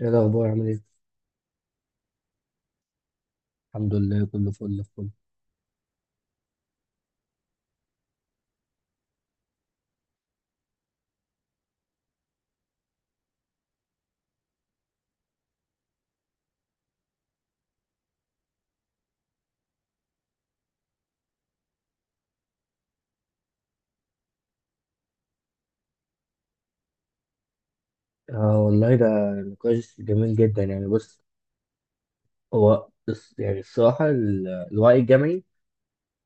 ايه الاخبار؟ عامل ايه؟ الحمد لله، كله فل الفل. اه والله، ده نقاش جميل جدا يعني. بص، يعني الصراحه الوعي الجمعي،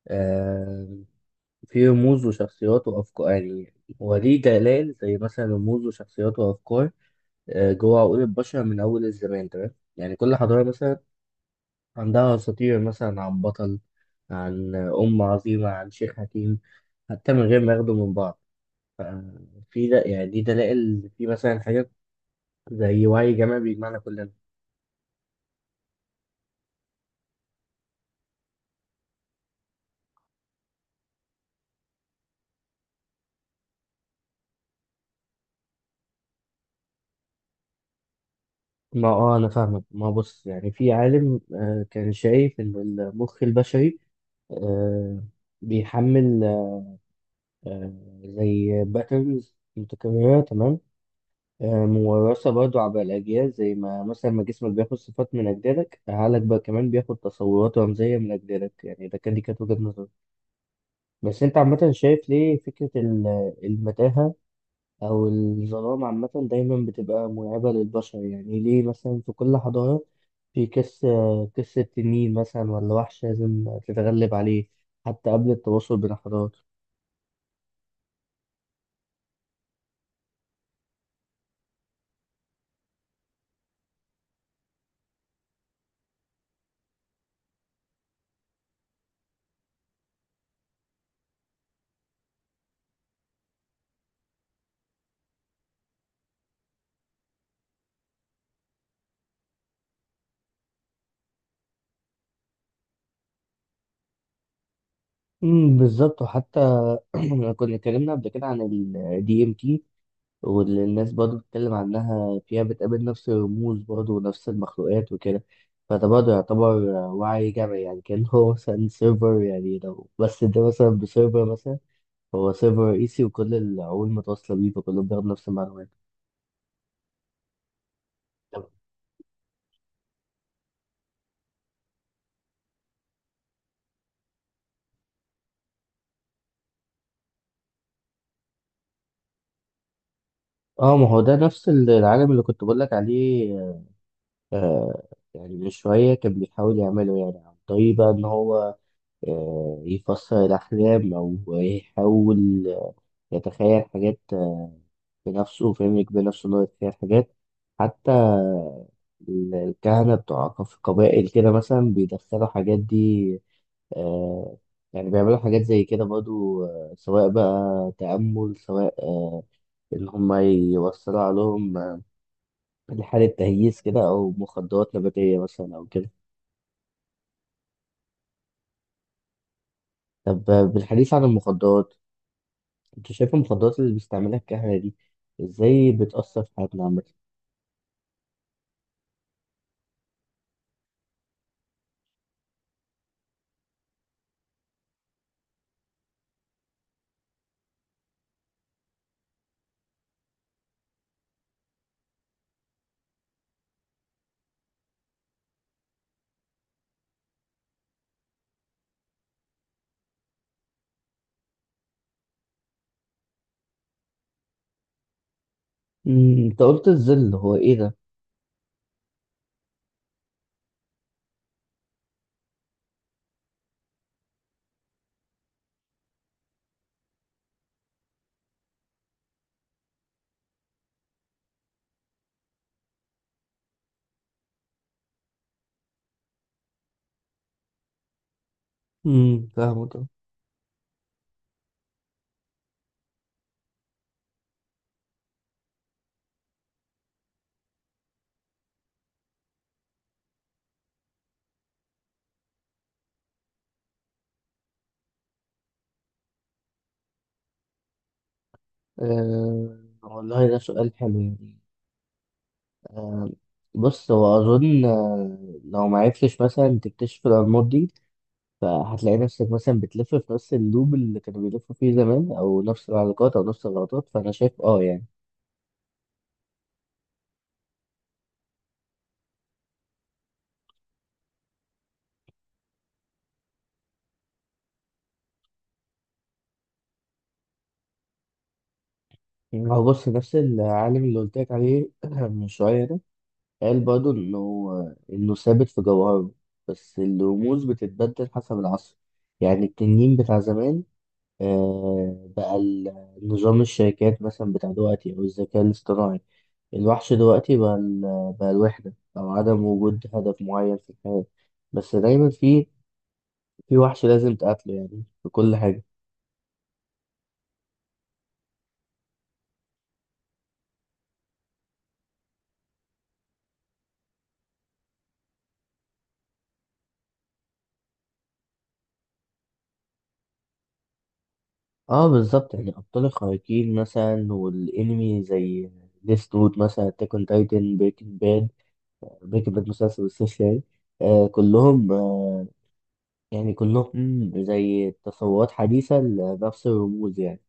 آه فيه رموز وشخصيات وافكار يعني، هو ليه جلال زي مثلا رموز وشخصيات وافكار، جوه عقول البشر من اول الزمان. تمام، يعني كل حضاره مثلا عندها اساطير مثلا عن بطل، عن ام عظيمه، عن شيخ حكيم، حتى من غير ما ياخدوا من بعض. ف- في ده يعني دي دلائل في مثلا حاجات زي وعي جمعي بيجمعنا كلنا. ما انا فاهمك. ما بص، يعني في عالم كان شايف ان المخ البشري آه بيحمل آه زي باترنز متكررة. تمام، موراثة برضو عبر الأجيال، زي ما مثلا ما جسمك بياخد صفات من أجدادك، عقلك بقى كمان بياخد تصورات رمزية من أجدادك. يعني ده كان دي كانت وجهة نظري. بس أنت عامة، شايف ليه فكرة المتاهة أو الظلام عامة دايما بتبقى مرعبة للبشر؟ يعني ليه مثلا في كل حضارة في قصة تنين مثلا ولا وحش لازم تتغلب عليه، حتى قبل التواصل بين الحضارات؟ أمم، بالظبط. وحتى كنا اتكلمنا قبل كده عن ال DMT، واللي الناس برضه بتتكلم عنها فيها بتقابل نفس الرموز برضه ونفس المخلوقات وكده. فده برضه يعتبر وعي جمعي، يعني كان هو مثلا سيرفر، يعني لو بس ده مثلا بسيرفر مثلا، هو سيرفر رئيسي وكل العقول متواصلة بيه فكلهم بياخدوا نفس المعلومات. طب- اه، ما هو ده نفس العالم اللي كنت بقول لك عليه. آه يعني من شوية كان بيحاول يعمله، يعني عن طريق بقى إن هو يفسر الأحلام أو يحاول يتخيل حاجات بنفسه، فاهم، يجبر نفسه إن هو يتخيل حاجات. حتى الكهنة بتوع قبائل كده مثلا بيدخلوا حاجات دي. آه يعني بيعملوا حاجات زي كده برضو، سواء بقى تأمل، سواء إن هما يوصلوا عليهم لحالة تهييس كده أو مخدرات نباتية مثلا أو كده. طب، بالحديث عن المخدرات، انت شايف المخدرات اللي بيستعملها الكهنة دي ازاي بتأثر في حياتنا عامة؟ أمم، انت قلت الظل، هو ايه ده؟ امم، فاهمه ده. آه والله، ده سؤال حلو يعني. آه بص، هو أظن، لو معرفتش مثلا تكتشف الأنماط دي، فهتلاقي نفسك مثلا بتلف في نفس اللوب اللي كانوا بيلفوا فيه زمان، أو نفس العلاقات، أو نفس الغلطات. فأنا شايف يعني. هو بص، نفس العالم اللي قلت لك عليه من شوية ده، قال برضه إن هو إنه ثابت في جوهره، بس الرموز بتتبدل حسب العصر. يعني التنين بتاع زمان بقى نظام الشركات مثلا بتاع دلوقتي، أو الذكاء الاصطناعي. الوحش دلوقتي بقى، بقى الوحدة أو عدم وجود هدف معين في الحياة. بس دايما في وحش لازم تقاتله، يعني في كل حاجة. اه بالظبط، يعني أبطال الخارقين مثلا، والأنمي زي ديث نوت مثلا، أتاك أون تايتن، بريكنج باد. بريكنج باد مسلسل بالصوص يعني. آه كلهم آه يعني كلهم زي تصورات حديثة لنفس الرموز يعني.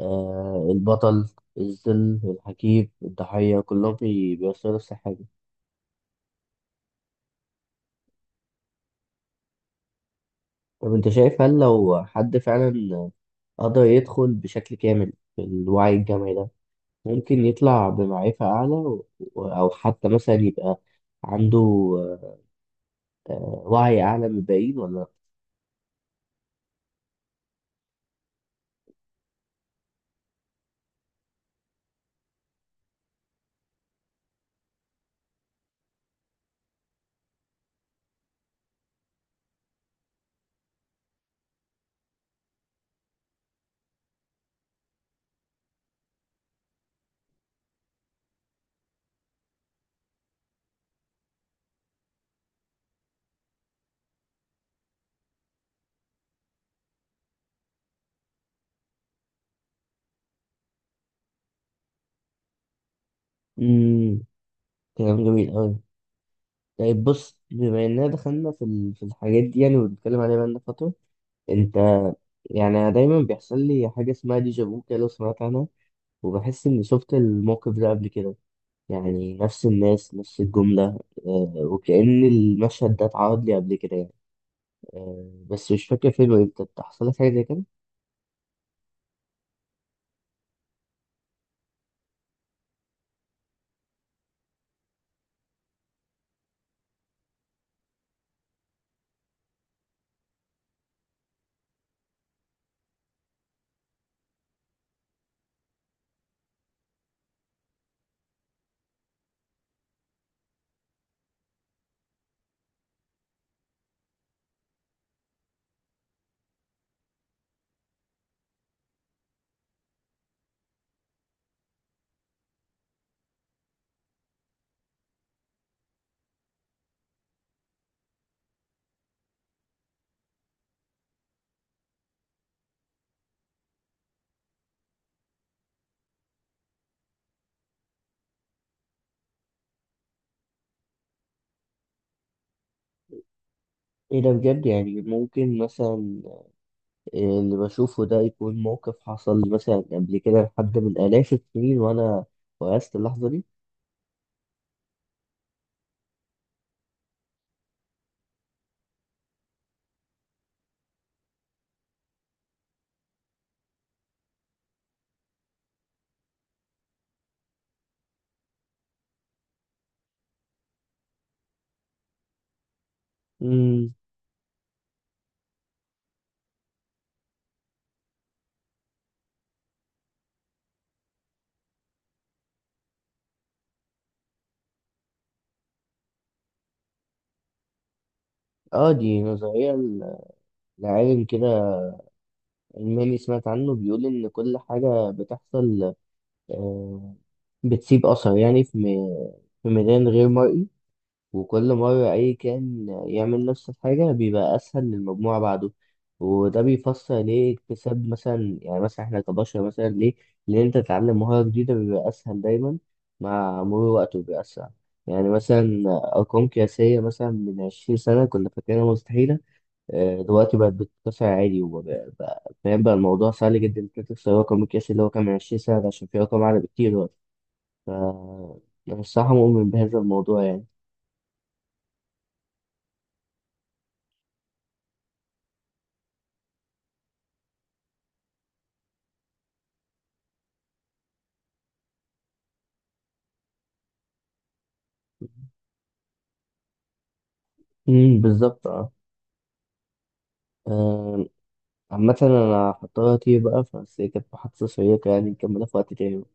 البطل، الظل، الحكيم، الضحية، كلهم بيوصلوا نفس الحاجة. طب أنت شايف، هل لو حد فعلا قدر يدخل بشكل كامل في الوعي الجمعي ده، ممكن يطلع بمعرفة أعلى أو حتى مثلا يبقى عنده آه، وعي أعلى من الباقيين ولا لأ؟ مم، كلام جميل أوي. طيب بص، بما اننا دخلنا في الحاجات دي يعني، وبنتكلم عليها بقالنا فتره. انت يعني، أنا دايما بيحصل لي حاجه اسمها ديجا فو كده، لو سمعت عنها، وبحس اني شفت الموقف ده قبل كده يعني، نفس الناس، نفس الجمله، وكأن المشهد ده اتعرض لي قبل كده يعني. بس مش فاكر فين وامتى. أنت حصل لك حاجه زي كده؟ ايه ده بجد؟ يعني ممكن مثلا اللي بشوفه ده يكون موقف حصل مثلا قبل كده لحد من آلاف السنين، وانا وقست اللحظه دي. اه، دي نظرية لعالم كده ألماني سمعت عنه، بيقول إن كل حاجة بتحصل آه، بتسيب أثر، يعني في ميدان غير مرئي، وكل مرة أي كائن يعمل نفس الحاجة بيبقى أسهل للمجموعة بعده. وده بيفسر ليه اكتساب مثلا، يعني مثلا إحنا كبشر مثلا ليه، لأن أنت تتعلم مهارة جديدة بيبقى أسهل دايما مع مرور الوقت وبيبقى أسرع. يعني مثلا أرقام قياسية مثلا من 20 سنة كنا فاكرينها مستحيلة، دلوقتي بقت بتتكسر عادي، فاهم بقى الموضوع سهل جدا انك تكسر رقم القياسي اللي هو كان من 20 سنة ده، عشان في رقم أعلى بكتير دلوقتي. ف أنا الصراحة مؤمن بهذا الموضوع يعني. امم، بالظبط اه. آم، عامة أنا هضطر أطير بقى، بس هي كانت محادثة شيقة يعني، نكملها في وقت تاني.